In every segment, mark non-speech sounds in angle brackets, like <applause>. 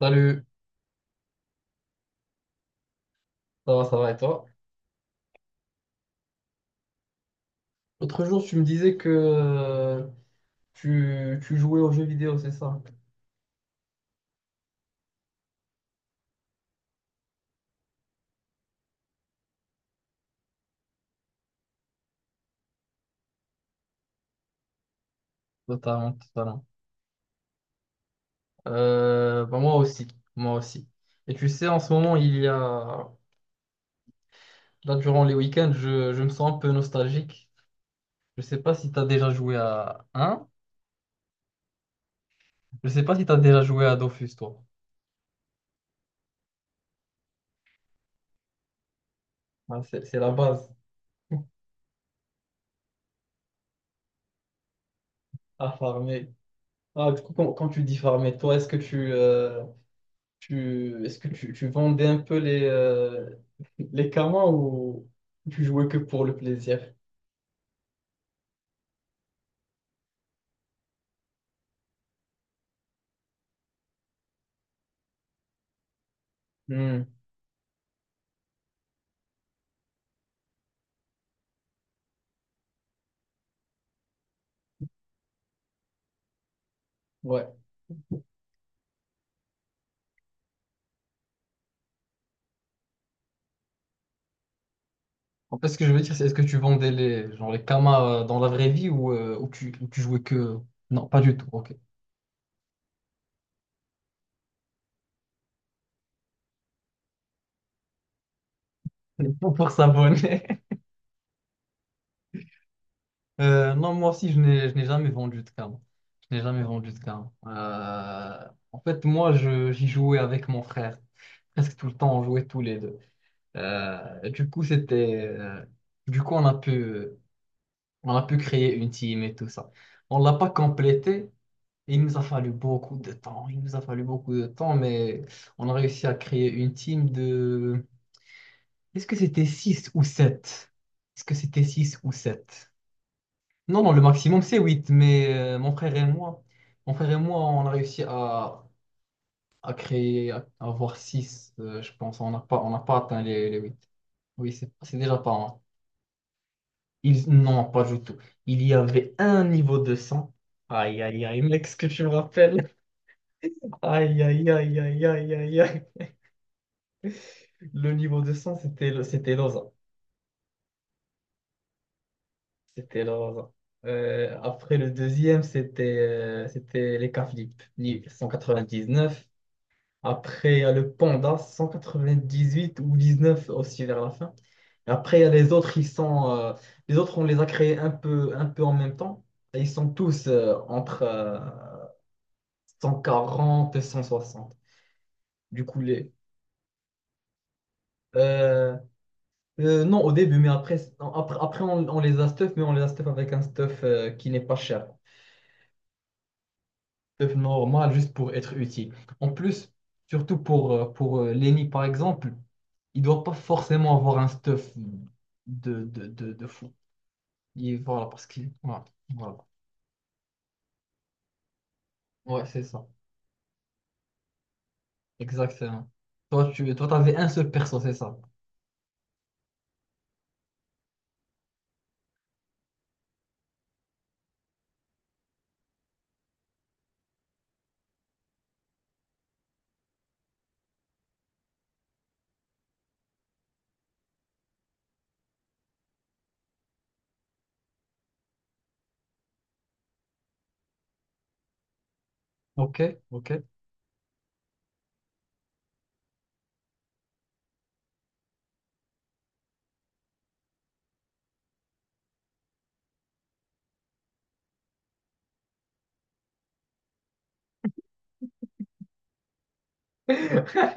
Salut, ça va et toi? L'autre jour, tu me disais que tu jouais aux jeux vidéo, c'est ça? Totalement, totalement. Bah, moi aussi, moi aussi. Et tu sais, en ce moment, il y a... Là, durant les week-ends, je me sens un peu nostalgique. Je sais pas si tu as déjà joué à... Hein? Je sais pas si tu as déjà joué à Dofus, toi. Ah, c'est la base. <laughs> À farmer. Ah, du coup, quand tu dis farmer, toi, est-ce que tu, est-ce que tu vendais un peu les karmas ou tu jouais que pour le plaisir? Hmm, ouais. En fait, ce que je veux dire, c'est est-ce que tu vendais les, genre les karmas dans la vraie vie ou tu jouais que... Non, pas du tout, ok. <laughs> Pour s'abonner. <laughs> Non, moi aussi, je n'ai jamais vendu de karma. Je n'ai jamais vendu de karma. En fait, moi, j'y jouais avec mon frère. Presque tout le temps, on jouait tous les deux. Du coup, c'était... du coup, on a pu... On a pu créer une team et tout ça. On l'a pas complété. Il nous a fallu beaucoup de temps. Il nous a fallu beaucoup de temps, mais on a réussi à créer une team de... Est-ce que c'était 6 ou sept? Est-ce que c'était 6 ou sept? Non, non, le maximum c'est 8. Mais mon frère et moi, mon frère et moi, on a réussi à créer, à avoir 6, je pense. On n'a pas atteint les 8. Oui, c'est déjà pas mal. Non, pas du tout. Il y avait un niveau de sang. Aïe, aïe, aïe, mec, ce que tu me rappelles. Aïe, aïe, aïe, aïe, aïe, aïe, aïe. Le niveau de sang, c'était c'était Loza. C'était Loza. Après le deuxième, c'était c'était les Caflip, neuf. Après, il y a le Panda, 198 ou 19 aussi vers la fin. Et après, il y a les autres, ils sont, les autres, on les a créés un peu en même temps. Et ils sont tous entre, 140 et 160. Du coup, les. Euh, non, au début, mais après, non, après on les a stuff, mais on les a stuff avec un stuff qui n'est pas cher. Stuff normal, juste pour être utile. En plus, surtout pour, euh, pour Lenny, par exemple, il doit pas forcément avoir un stuff de fou. Il, voilà, parce qu'il. Voilà, voilà. Ouais, c'est ça. Exactement. Toi, tu toi, t'avais un seul perso, c'est ça. Ok, ok. <laughs>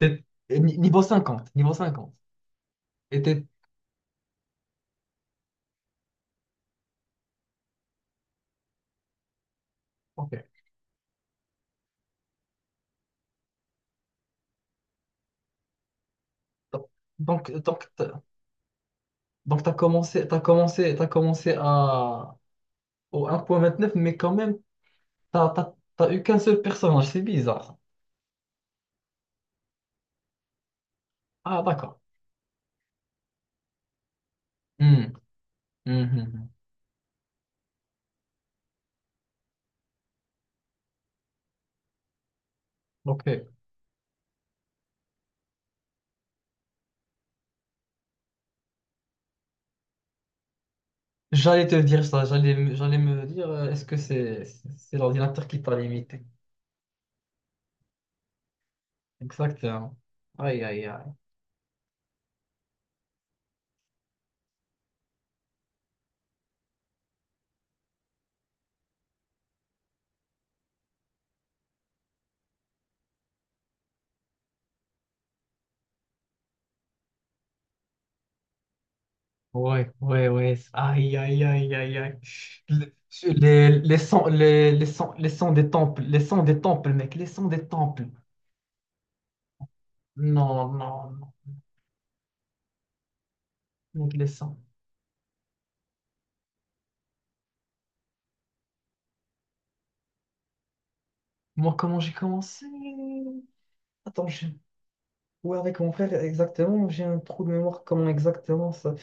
T'es- Niveau 50, niveau 50. Et ok. Donc, donc, t'as- donc t'as commencé au 1.29 mais quand même, t'as eu qu'un seul personnage, c'est bizarre. Ah, d'accord. Hmm, hmm, hmm, hmm. Ok. J'allais te dire ça, j'allais me dire, est-ce que c'est l'ordinateur qui t'a limité? Exactement. Aïe, aïe, aïe. Ouais, ouais, ouais. Aïe, aïe, aïe, aïe, aïe. Le- les sons des temples, les sons des temples, mec, les sons des temples. Non, non, non, mec, les sons. Moi, comment j'ai commencé? Attends, j'ai... Ouais, avec mon frère, exactement, j'ai un trou de mémoire, comment exactement ça?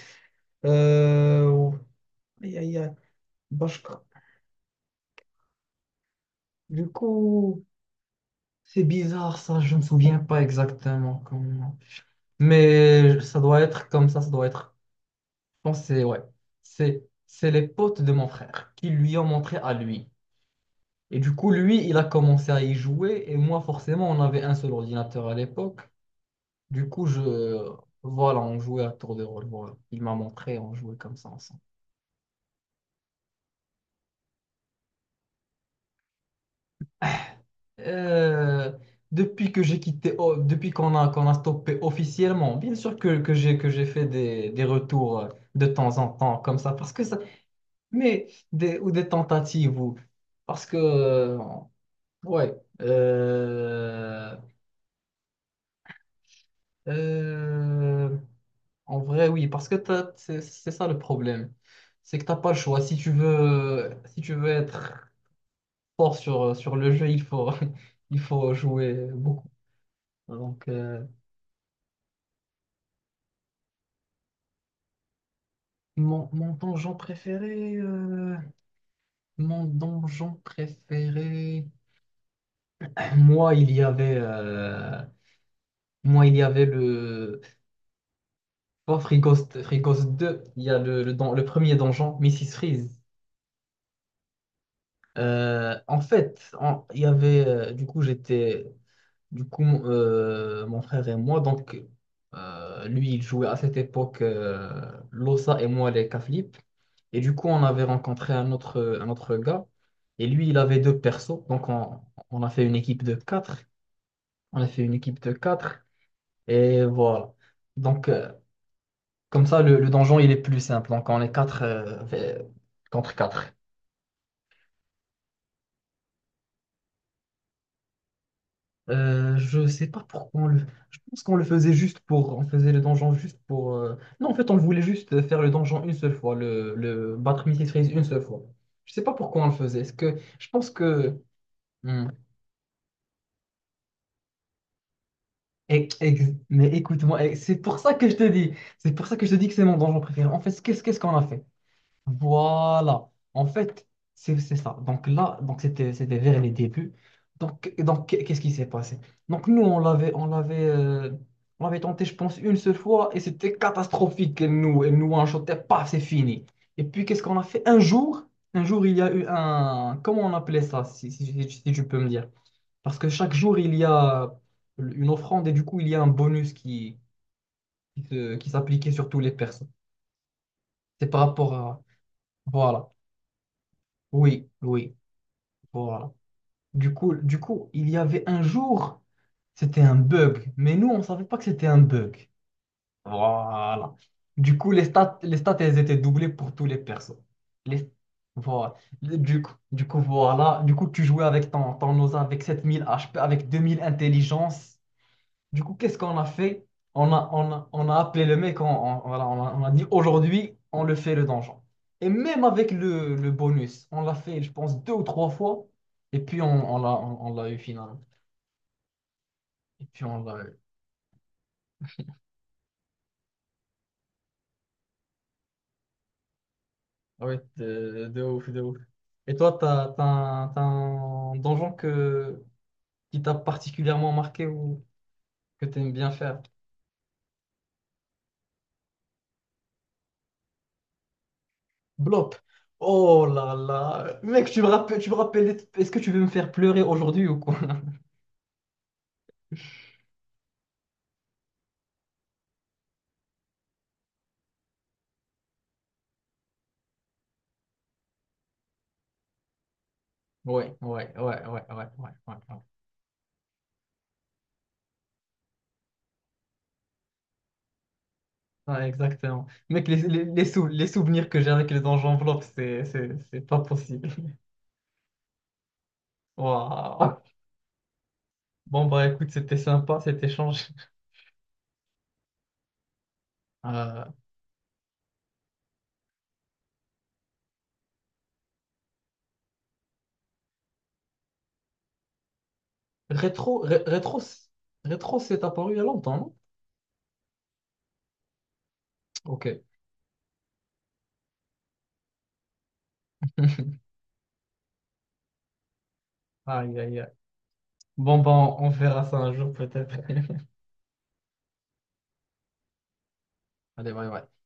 Euh... Aïe, aïe, aïe. Bah, Du coup... C'est bizarre ça, je ne me souviens pas exactement comment. Mais ça doit être comme ça doit être. Je pense que c'est ouais. C'est les potes de mon frère qui lui ont montré à lui. Et du coup, lui, il a commencé à y jouer. Et moi, forcément, on avait un seul ordinateur à l'époque. Du coup, je voilà, on jouait à tour de rôle. Voilà. Il m'a montré, on jouait comme ça ensemble. Euh, Depuis que j'ai quitté, oh, depuis qu'on a stoppé officiellement, bien sûr que, que j'ai fait des retours de temps en temps comme ça, parce que ça, mais des, ou des tentatives, ou parce que, ouais, euh, euh, en vrai, oui, parce que c'est ça le problème, c'est que t'as pas le choix. Si tu veux être fort sur le jeu, il faut, <laughs> il faut jouer beaucoup. Donc, mon donjon préféré, mon donjon préféré. <clears throat> Moi, il y avait, le oh, Free Ghost, Free Ghost 2. Il y a le premier donjon, Mrs. Freeze. En fait, il y avait, du coup, j'étais. Du coup, mon frère et moi, donc, lui, il jouait à cette époque l'Ossa et moi les Caflip. Et du coup, on avait rencontré un autre gars. Et lui, il avait deux persos. Donc, on a fait une équipe de quatre. On a fait une équipe de quatre. Et voilà. Donc, comme ça, le donjon, il est plus simple. Donc, on est quatre contre quatre. Je sais pas pourquoi on le... Je pense qu'on le faisait juste pour... On faisait le donjon juste pour... Non, en fait, on voulait juste faire le donjon une seule fois, le battre Mrs. Freeze une seule fois. Je sais pas pourquoi on le faisait. Est-ce que... Je pense que... Hmm. Eh, mais écoute-moi, eh, c'est pour ça que je te dis. C'est pour ça que je te dis que c'est mon donjon préféré. En fait, qu'est-ce qu'on a fait? Voilà. En fait, c'est ça. Donc là, c'était vers les débuts. Donc qu'est- ce qui s'est passé? Donc nous on l'avait tenté je pense une seule fois et c'était catastrophique. Elle nous shotait pas c'est fini. Et puis qu'est-ce qu'on a fait? Un jour il y a eu un comment on appelait ça? Si tu peux me dire. Parce que chaque jour il y a une offrande et du coup il y a un bonus qui s'appliquait sur tous les personnes. C'est par rapport à voilà. Oui, oui. Voilà. Du coup, il y avait un jour, c'était un bug, mais nous, on ne savait pas que c'était un bug. Voilà. Du coup, les stats, elles étaient doublées pour tous les persos. Les... Voilà. Du coup, voilà. Du coup, tu jouais avec ton Osa avec 7 000 HP, avec 2000 intelligence. Du coup, qu'est-ce qu'on a fait? On a appelé le mec, voilà, on a dit aujourd'hui, on le fait le donjon. Et même avec le bonus, on l'a fait, je pense, deux ou trois fois. Et puis, on, on l'a eu finalement. Et puis, on l'a eu. Ah ouais, de ouf, de ouf. Et toi, t'as un donjon que, qui t'a particulièrement marqué ou que t'aimes bien faire? Blop. Oh là là. Mec, tu me rappelles, est-ce que tu veux me faire pleurer aujourd'hui ou quoi? Ouais, ouais, ouais, ouais, ouais, ouais, ouais, ouais. Ouais, exactement. Mec, les souvenirs que j'ai avec les anges enveloppes, c'est pas possible. <laughs> Waouh. Bon, bah écoute, c'était sympa cet échange. Euh, rétro, ré- rétro, c- Rétro, c'est apparu il y a longtemps, non? Ok. <laughs> Aïe, aïe, aïe. Bon, bah on verra ça un jour peut-être. <laughs> Allez, bye, bye.